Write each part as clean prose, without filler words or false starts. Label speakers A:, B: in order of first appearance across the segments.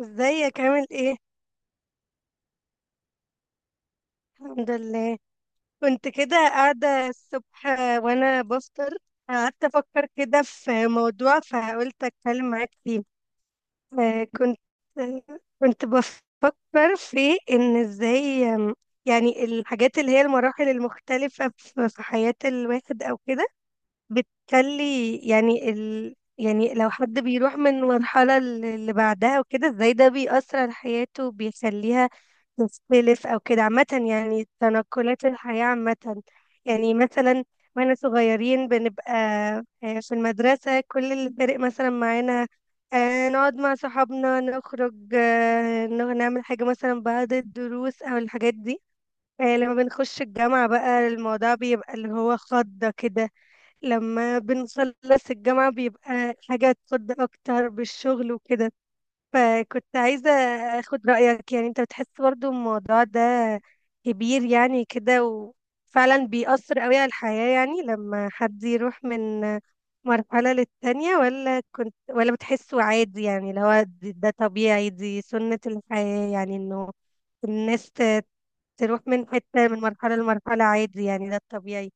A: ازيك عامل ايه؟ الحمد لله. كنت كده قاعدة الصبح وانا بفطر، قعدت افكر كده في موضوع فقلت اتكلم معاك فيه. آه، كنت بفكر في ان ازاي، يعني الحاجات اللي هي المراحل المختلفة في حياة الواحد او كده، بتخلي يعني يعني لو حد بيروح من مرحلة اللي بعدها وكده ازاي ده بيأثر على حياته وبيخليها تختلف أو كده. عامة يعني تنقلات الحياة عامة. يعني مثلا واحنا صغيرين بنبقى في المدرسة كل اللي فارق مثلا معانا نقعد مع صحابنا، نخرج، نعمل حاجة مثلا بعد الدروس أو الحاجات دي. لما بنخش الجامعة بقى الموضوع بيبقى اللي هو خضة كده. لما بنخلص الجامعة بيبقى حاجة تخض أكتر بالشغل وكده، فكنت عايزة أخد رأيك. يعني أنت بتحس برضو الموضوع ده كبير يعني كده، وفعلا بيأثر قوي على الحياة يعني لما حد يروح من مرحلة للتانية؟ ولا كنت ولا بتحسه عادي، يعني اللي هو ده طبيعي، دي سنة الحياة، يعني إنه الناس تروح من حتة من مرحلة لمرحلة عادي، يعني ده الطبيعي.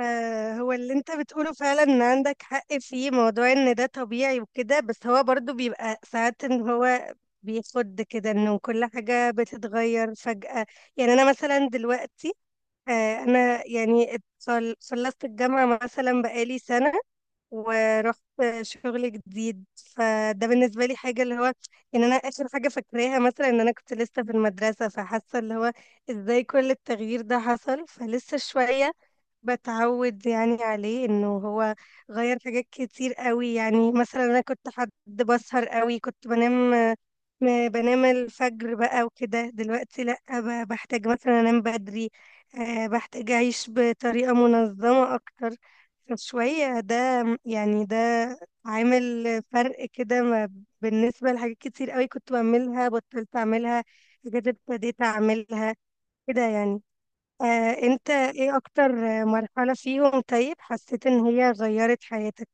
A: آه، هو اللي انت بتقوله فعلا ان عندك حق فيه. موضوع ان ده طبيعي وكده بس هو برضو بيبقى ساعات ان هو بيخد كده انه كل حاجة بتتغير فجأة. يعني انا مثلا دلوقتي، انا يعني خلصت الجامعة مثلا بقالي سنة، ورحت شغل جديد، فده بالنسبة لي حاجة اللي هو ان انا اخر حاجة فاكراها مثلا ان انا كنت لسه في المدرسة، فحاسة اللي هو ازاي كل التغيير ده حصل. فلسه شوية بتعود يعني عليه انه هو غير حاجات كتير قوي. يعني مثلا انا كنت حد بسهر قوي، كنت بنام، بنام الفجر بقى وكده، دلوقتي لا، بحتاج مثلا انام بدري. بحتاج اعيش بطريقة منظمة اكتر شوية. ده يعني ده عامل فرق كده. بالنسبة لحاجات كتير قوي كنت بعملها بطلت اعملها، حاجات ابتديت اعملها كده يعني. آه، انت ايه اكتر مرحلة فيهم طيب حسيت ان هي غيرت حياتك؟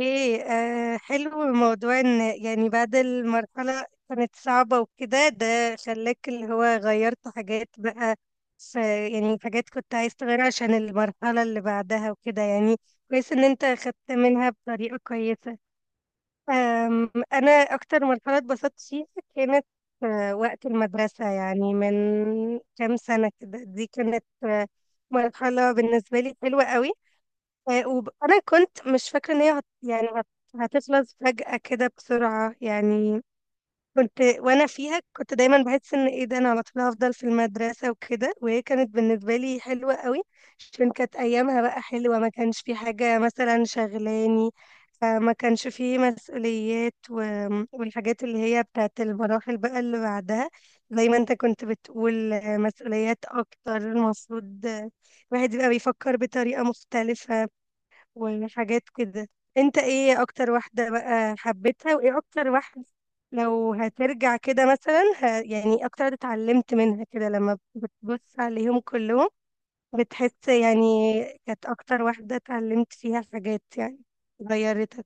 A: ايه، آه، حلو موضوع ان، يعني بعد المرحلة كانت صعبة وكده، ده خلاك اللي هو غيرت حاجات بقى، ف يعني حاجات كنت عايز تغيرها عشان المرحلة اللي بعدها وكده. يعني كويس ان انت خدت منها بطريقة كويسة. أنا أكتر مرحلة اتبسطت فيها كانت وقت المدرسة، يعني من كام سنة كده. دي كانت مرحلة بالنسبة لي حلوة قوي. وأنا كنت مش فاكرة إن هي يعني هتخلص فجأة كده بسرعة يعني. كنت وانا فيها كنت دايما بحس ان ايه ده، انا على طول هفضل في المدرسه وكده، وهي كانت بالنسبه لي حلوه قوي عشان كانت ايامها بقى حلوه، ما كانش في حاجه مثلا شغلاني. ما كانش في مسؤوليات، والحاجات اللي هي بتاعت المراحل بقى اللي بعدها، زي ما انت كنت بتقول مسؤوليات اكتر المفروض، الواحد يبقى بيفكر بطريقه مختلفه وحاجات كده. انت ايه اكتر واحدة بقى حبيتها، وايه اكتر واحدة لو هترجع كده مثلا، يعني اكتر واحدة اتعلمت منها كده لما بتبص عليهم كلهم، بتحس يعني كانت اكتر واحدة اتعلمت فيها حاجات يعني غيرتك؟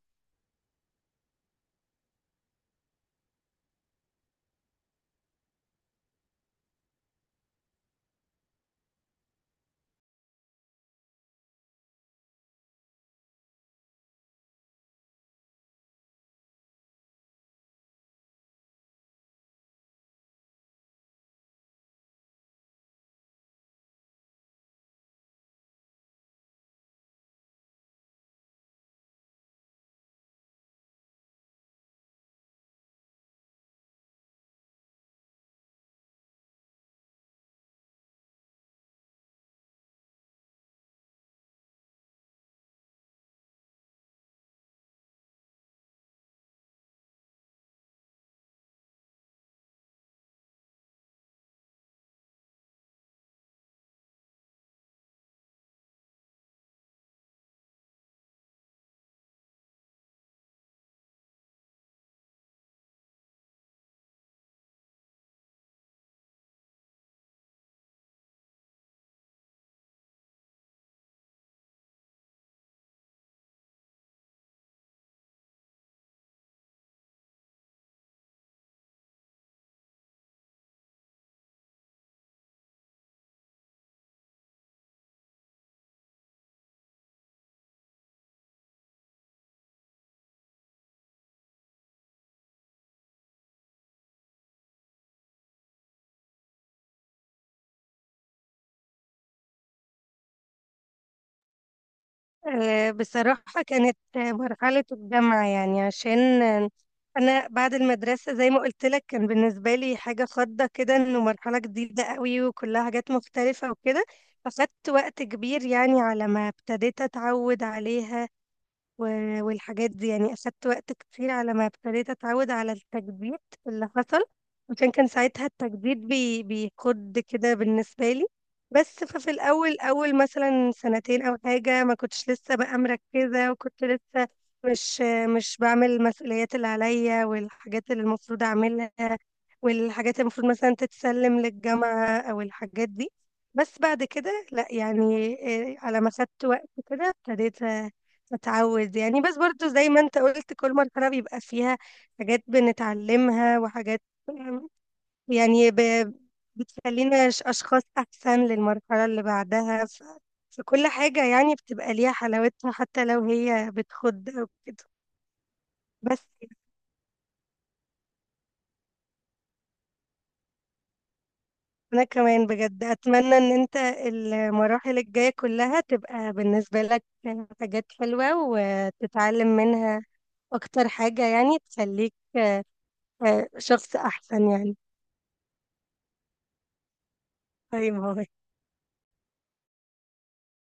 A: آه، بصراحة كانت مرحلة الجامعة، يعني عشان أنا بعد المدرسة زي ما قلت لك كان بالنسبة لي حاجة خضة كده، إنه مرحلة جديدة قوي وكلها حاجات مختلفة وكده، فخدت وقت كبير يعني على ما ابتديت أتعود عليها. والحاجات دي يعني أخدت وقت كتير على ما ابتديت أتعود على التجديد اللي حصل، عشان كان ساعتها التجديد بيخد كده بالنسبة لي. بس ففي الأول، أول مثلا سنتين أو حاجة، ما كنتش لسه بقى مركزة، وكنت لسه مش مش بعمل المسؤوليات اللي عليا والحاجات اللي المفروض أعملها، والحاجات اللي المفروض مثلا تتسلم للجامعة أو الحاجات دي. بس بعد كده لا، يعني إيه، على ما خدت وقت كده ابتديت اتعود يعني. بس برضو زي ما انت قلت كل مرحلة بيبقى فيها حاجات بنتعلمها وحاجات، أم، يعني بتخلينا أشخاص أحسن للمرحلة اللي بعدها. فكل حاجة يعني بتبقى ليها حلاوتها حتى لو هي بتخد أو كده. بس أنا كمان بجد أتمنى إن أنت المراحل الجاية كلها تبقى بالنسبة لك حاجات حلوة وتتعلم منها أكتر حاجة، يعني تخليك شخص أحسن يعني. اي ما هو